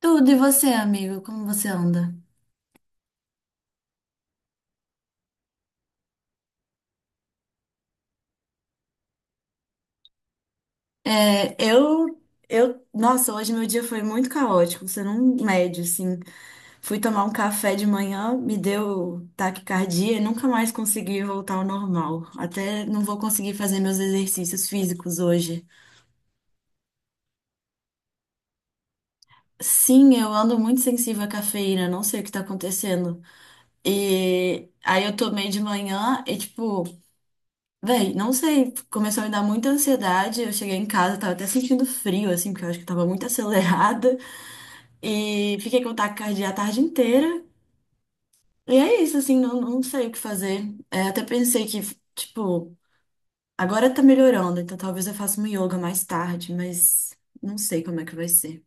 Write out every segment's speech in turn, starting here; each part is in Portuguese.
Tudo, e você, amigo? Como você anda? É, eu, nossa, hoje meu dia foi muito caótico, você não mede, assim. Fui tomar um café de manhã, me deu taquicardia e nunca mais consegui voltar ao normal. Até não vou conseguir fazer meus exercícios físicos hoje. Sim, eu ando muito sensível à cafeína, não sei o que tá acontecendo. E aí eu tomei de manhã e, tipo, véi, não sei, começou a me dar muita ansiedade. Eu cheguei em casa, tava até sentindo frio, assim, porque eu acho que tava muito acelerada. E fiquei com taquicardia a tarde inteira. E é isso, assim, não sei o que fazer. É, até pensei que, tipo, agora tá melhorando, então talvez eu faça um yoga mais tarde, mas não sei como é que vai ser.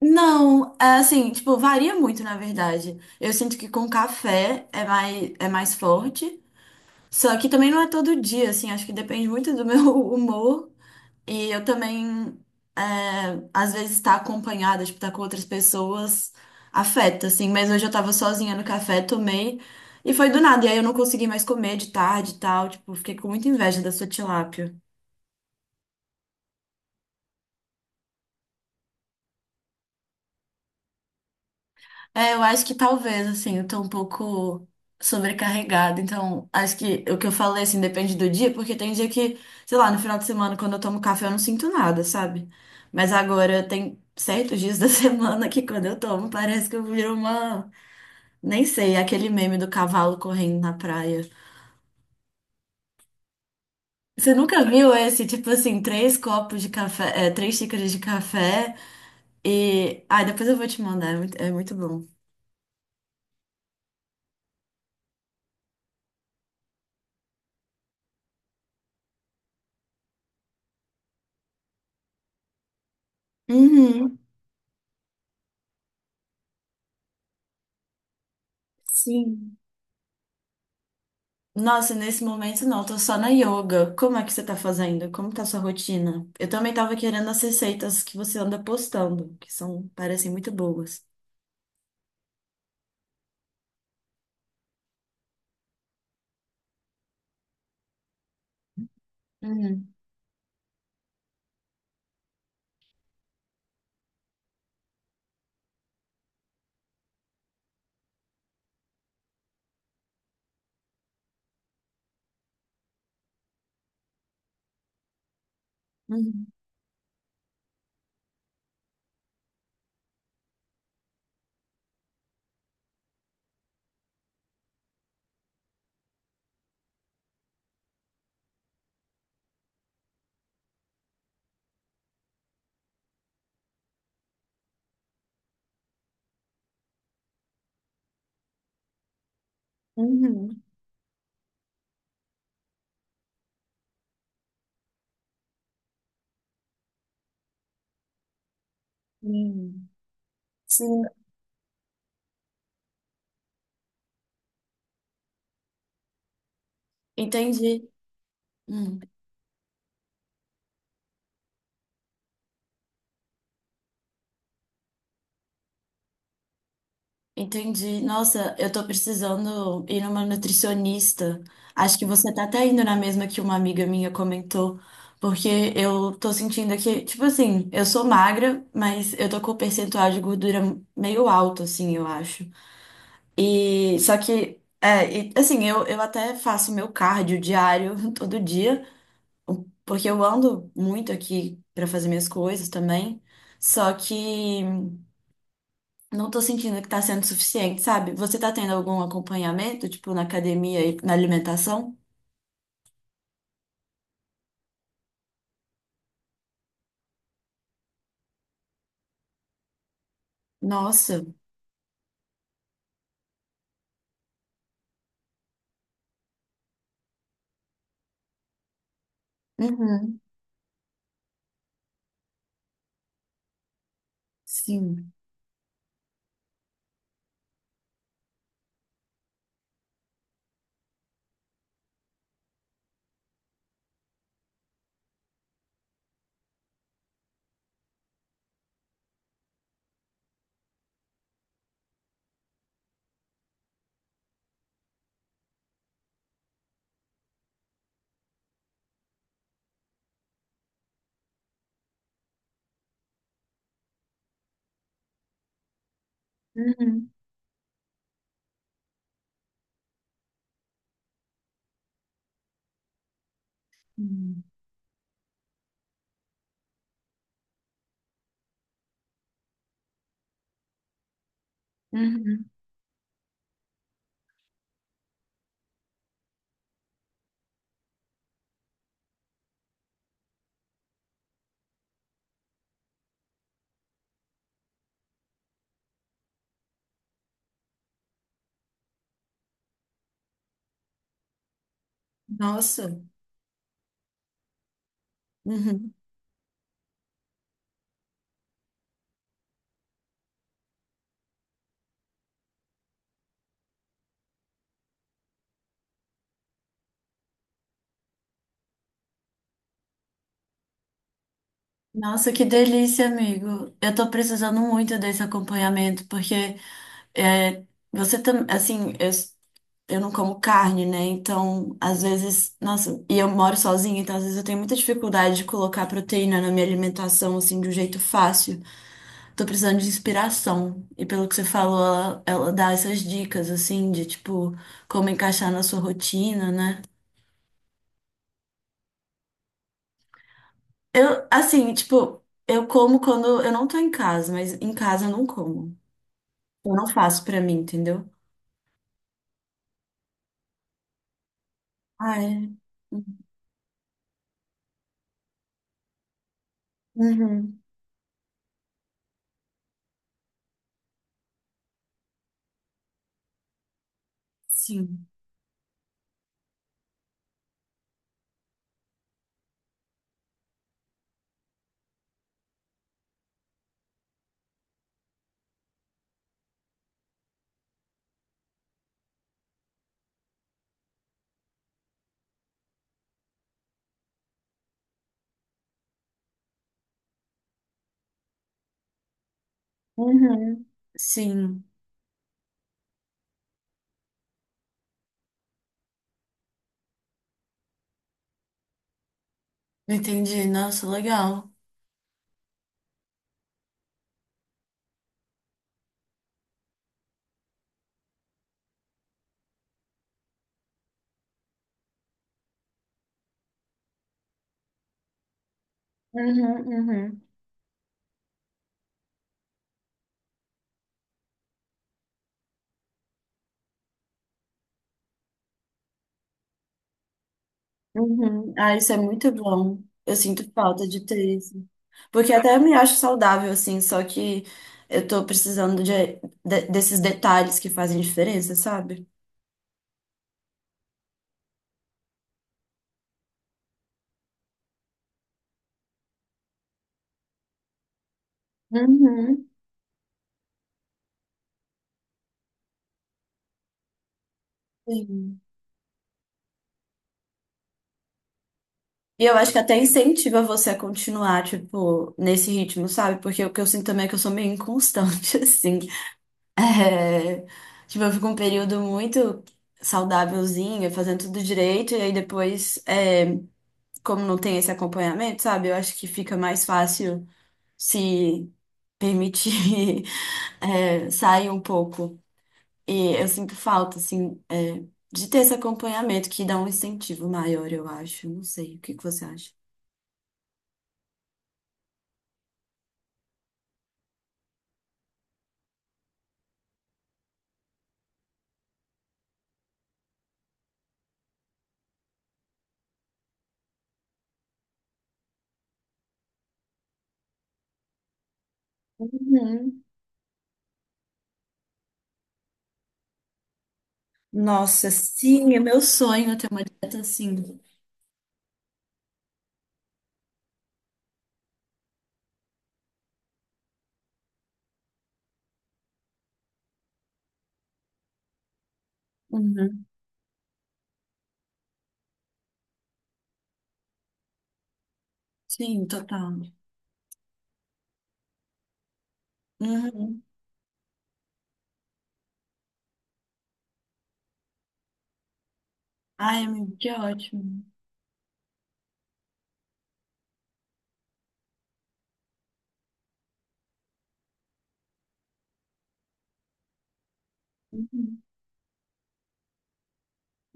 Não, é assim, tipo, varia muito, na verdade. Eu sinto que com café é mais forte. Só que também não é todo dia, assim, acho que depende muito do meu humor. E eu também, é, às vezes, estar acompanhada, tipo, estar com outras pessoas, afeta, assim. Mas hoje eu tava sozinha no café, tomei, e foi do nada. E aí eu não consegui mais comer de tarde e tal. Tipo, fiquei com muita inveja da sua tilápia. É, eu acho que talvez, assim, eu tô um pouco sobrecarregada. Então, acho que o que eu falei, assim, depende do dia, porque tem dia que, sei lá, no final de semana, quando eu tomo café, eu não sinto nada, sabe? Mas agora tem certos dias da semana que quando eu tomo, parece que eu viro uma. Nem sei, aquele meme do cavalo correndo na praia. Você nunca viu esse, tipo assim, três xícaras de café e... Ah, depois eu vou te mandar, é muito bom. Uhum, sim. Nossa, nesse momento não, tô só na yoga. Como é que você tá fazendo? Como tá sua rotina? Eu também tava querendo as receitas que você anda postando, que são, parecem muito boas. Uhum, uhum, uhum, uhum. Sim, entendi. Hum. Entendi. Nossa, eu tô precisando ir numa nutricionista. Acho que você tá até indo na mesma que uma amiga minha comentou, porque eu tô sentindo aqui, tipo assim, eu sou magra, mas eu tô com o percentual de gordura meio alto, assim, eu acho. E só que, é, e, assim, eu até faço meu cardio diário todo dia, porque eu ando muito aqui pra fazer minhas coisas também. Só que não tô sentindo que tá sendo suficiente, sabe? Você tá tendo algum acompanhamento, tipo, na academia e na alimentação? Nossa. Uhum. Sim. Uhum. Uhum. Uhum. Nossa. Uhum. Nossa, que delícia, amigo. Eu tô precisando muito desse acompanhamento, porque é, você também, assim, eu não como carne, né? Então, às vezes, nossa, e eu moro sozinha, então às vezes eu tenho muita dificuldade de colocar proteína na minha alimentação, assim, de um jeito fácil. Tô precisando de inspiração. E pelo que você falou, ela dá essas dicas, assim, de tipo, como encaixar na sua rotina, né? Eu, assim, tipo, eu como quando eu não tô em casa, mas em casa eu não como. Eu não faço pra mim, entendeu? Ah, é. Uhum. Sim. Uhum. Sim. Entendi. Nossa, legal. Uhum, uhum, uhum. Ah, isso é muito bom. Eu sinto falta de ter isso. Porque até eu me acho saudável, assim, só que eu tô precisando de desses detalhes que fazem diferença, sabe? Uhum. Sim. E eu acho que até incentiva você a continuar, tipo, nesse ritmo, sabe? Porque o que eu sinto também é que eu sou meio inconstante, assim. É, tipo, eu fico um período muito saudávelzinho, fazendo tudo direito, e aí depois, é, como não tem esse acompanhamento, sabe? Eu acho que fica mais fácil se permitir é, saem um pouco. E eu sinto falta, assim, é, de ter esse acompanhamento que dá um incentivo maior, eu acho. Não sei, o que que você acha? Uhum. Nossa, sim, é meu sonho é ter uma dieta assim. Uhum. Sim, total. Uhum. Ai, amigo, que ótimo. Uhum.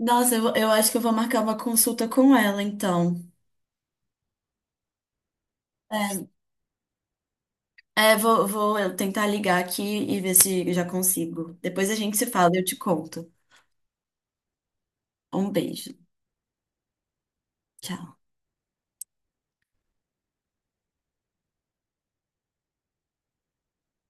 Nossa, eu acho que eu vou marcar uma consulta com ela, então. É, é, vou, vou eu tentar ligar aqui e ver se eu já consigo. Depois a gente se fala, e eu te conto. Um beijo. Tchau.